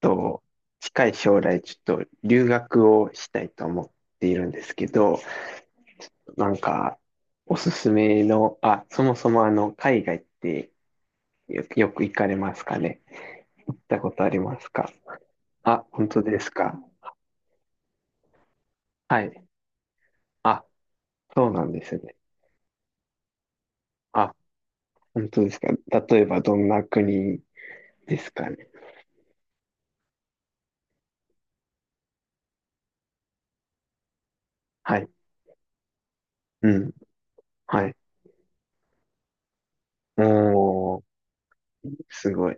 と、近い将来ちょっと留学をしたいと思っているんですけど、なんか、おすすめの、あ、そもそもあの、海外ってよく行かれますかね。行ったことありますか？あ、本当ですか。はい。あ、そうなんですね。あ、本当ですか。例えばどんな国ですかね。はい。うん。はい。おー、すごい。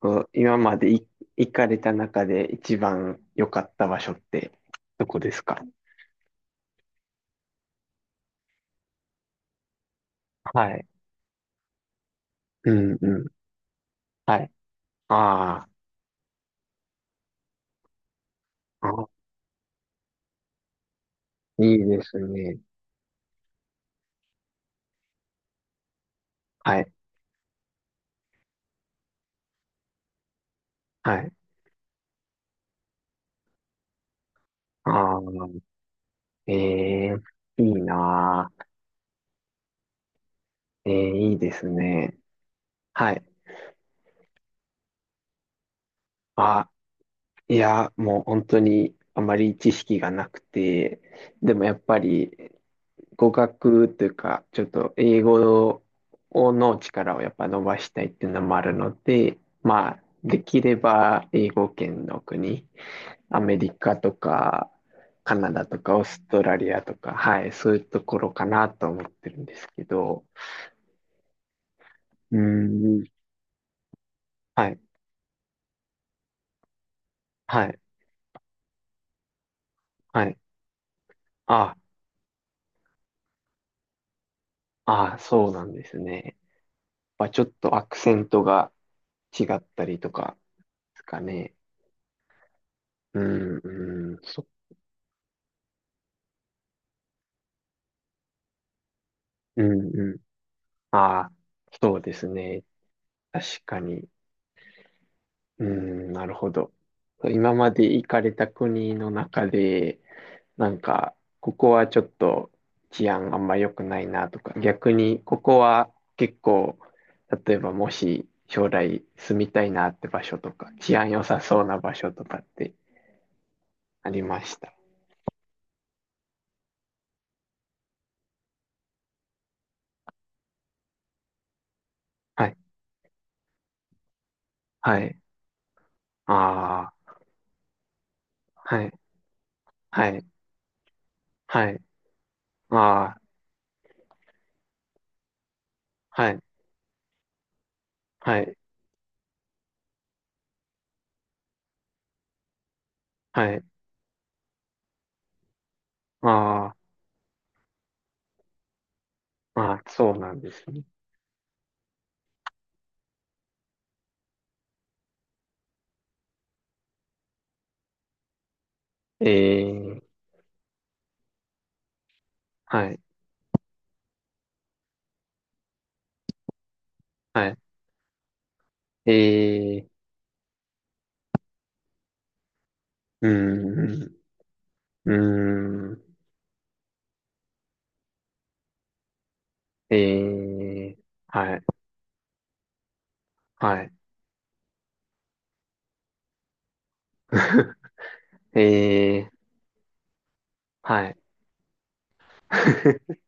こう今までい行かれた中で一番良かった場所ってどこですか？はい。うんうん。はい。あー、あ、いいですね。はい。はい。ああ、ええ、いいなあ。ええ、いいですね。はい。あ、いや、もう本当にあまり知識がなくて、でもやっぱり語学というか、ちょっと英語の力をやっぱ伸ばしたいっていうのもあるので、まあ、できれば英語圏の国、アメリカとか、カナダとか、オーストラリアとか、はい、そういうところかなと思ってるんですけど、うーん、はい、はい、はい。あ、あ、そうなんですね。まあ、ちょっとアクセントが違ったりとかですかね。うん、うん、うん、うん。あ、そうですね。確かに。うーん、なるほど。今まで行かれた国の中で、なんか、ここはちょっと治安あんま良くないなとか、逆にここは結構、例えばもし将来住みたいなって場所とか、治安良さそうな場所とかってありました？はい、はい、ああ、はい、はい、はい、ああ、はい、はい、はい、ああ、ああ、そうなんですね。ええ、はい、はい、ええ、うーん、うーん、えー、はい、はい。えー、はい。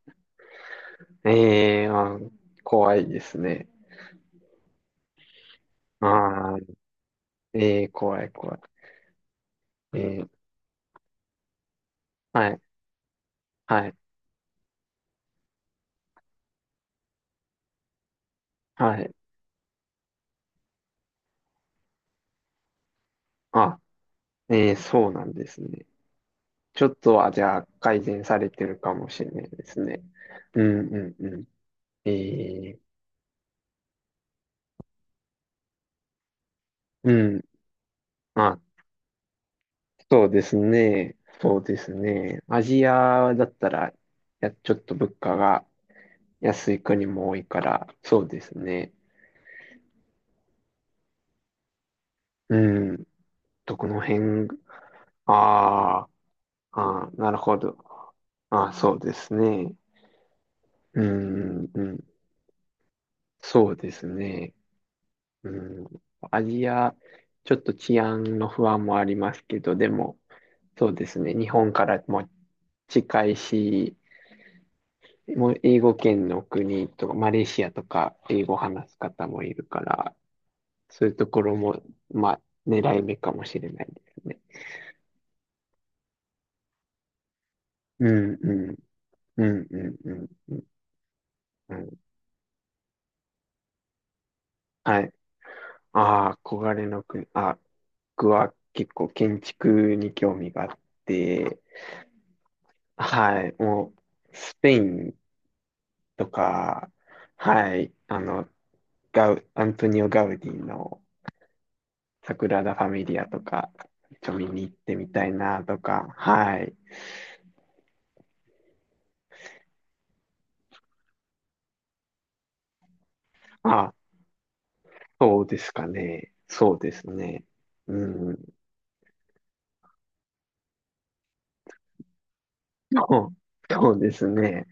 えー、あ、怖いですね。あー、えー、怖い、怖い。えー、はい、はい、はい。あ、えー、そうなんですね。ちょっとは、じゃあ、改善されてるかもしれないですね。うん、うん、うん。えー、うん。あ、そうですね。そうですね。アジアだったら、いや、ちょっと物価が安い国も多いから、そうですね。うん。どこの辺、ああ、ああ、なるほど。ああ、そうですね。うん、うん。そうですね。うん。アジア、ちょっと治安の不安もありますけど、でも、そうですね。日本からも近いし、もう英語圏の国とか、マレーシアとか、英語話す方もいるから、そういうところも、まあ、狙い目かもしれないですね。うん、うん、うん、うん、うん。うん、はい。ああ、憧れの国。あ、僕は結構建築に興味があって、はい、もう、スペインとか、はい、あの、アントニオ・ガウディの、サグラダ・ファミリアとか、見に行ってみたいなとか、はい。あ、そうですかね。そうですね。うん。そそうですね。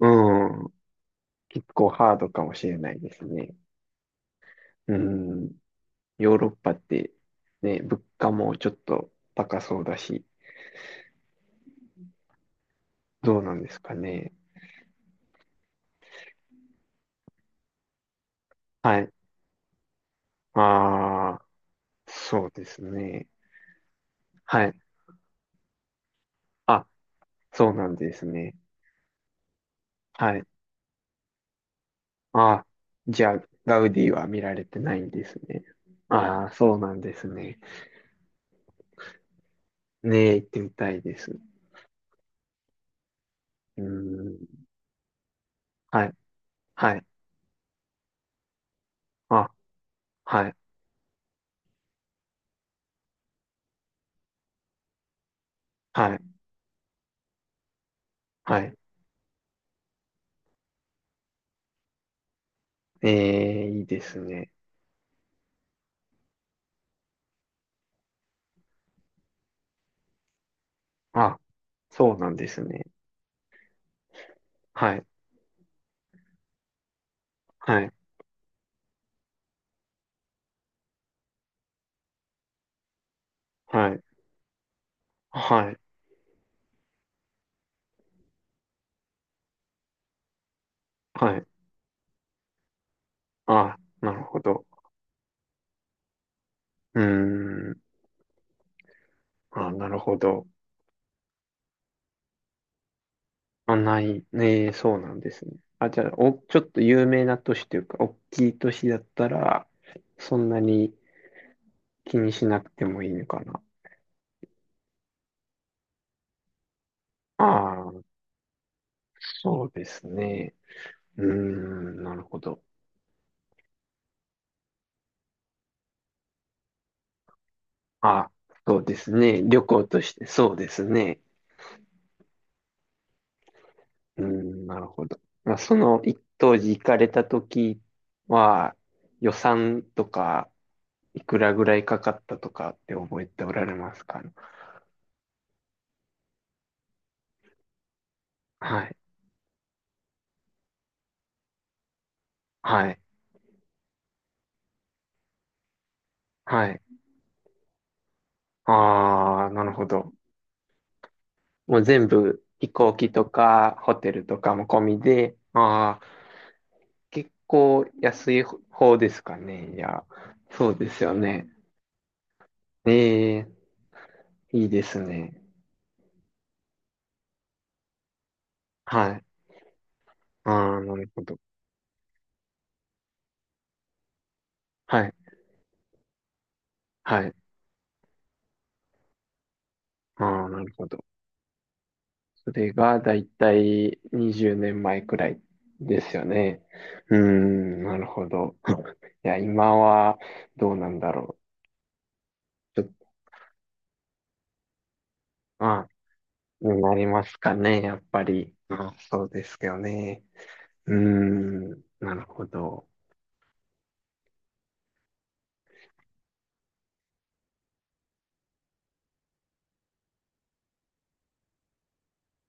うん。結構ハードかもしれないですね。うん。ヨーロッパって、ね、物価もちょっと高そうだし、どうなんですかね。はい。ああ、そうですね。はい。あ、そうなんですね。はい。あ、じゃあ、ガウディは見られてないんですね。ああ、そうなんですね。ねえ、行ってみたいです。うーん。はい、はい。あ、はい、はい、はい。ええ、いいですね。あ、そうなんですね。はい、はい、はい、はい、はい。あ、なるほど。うーん。あ、なるほど。あ、ない。ねえ、そうなんですね。あ、じゃあ、お、ちょっと有名な都市というか、大きい都市だったら、そんなに、気にしなくてもいいのかな。ああ、そうですね。うーん、なるほど。あ、そうですね。旅行として、そうですね。うーん、なるほど。まあ、その一当時行かれた時は、予算とか、いくらぐらいかかったとかって覚えておられますか？はい、はい、はい。ああ、なるほど。もう全部飛行機とかホテルとかも込みで、ああ、結構安い方ですかね。いや、そうですよね。ええ、いいですね。はい。ああ、なるほど。はい。はい。ああ、なるほど。それがだいたい20年前くらいですよね。うーん、なるほど。いや、今はどうなんだろう。ちょっと、ああ、になりますかね、やっぱり。ああ、そうですよね。うーん、なるほど。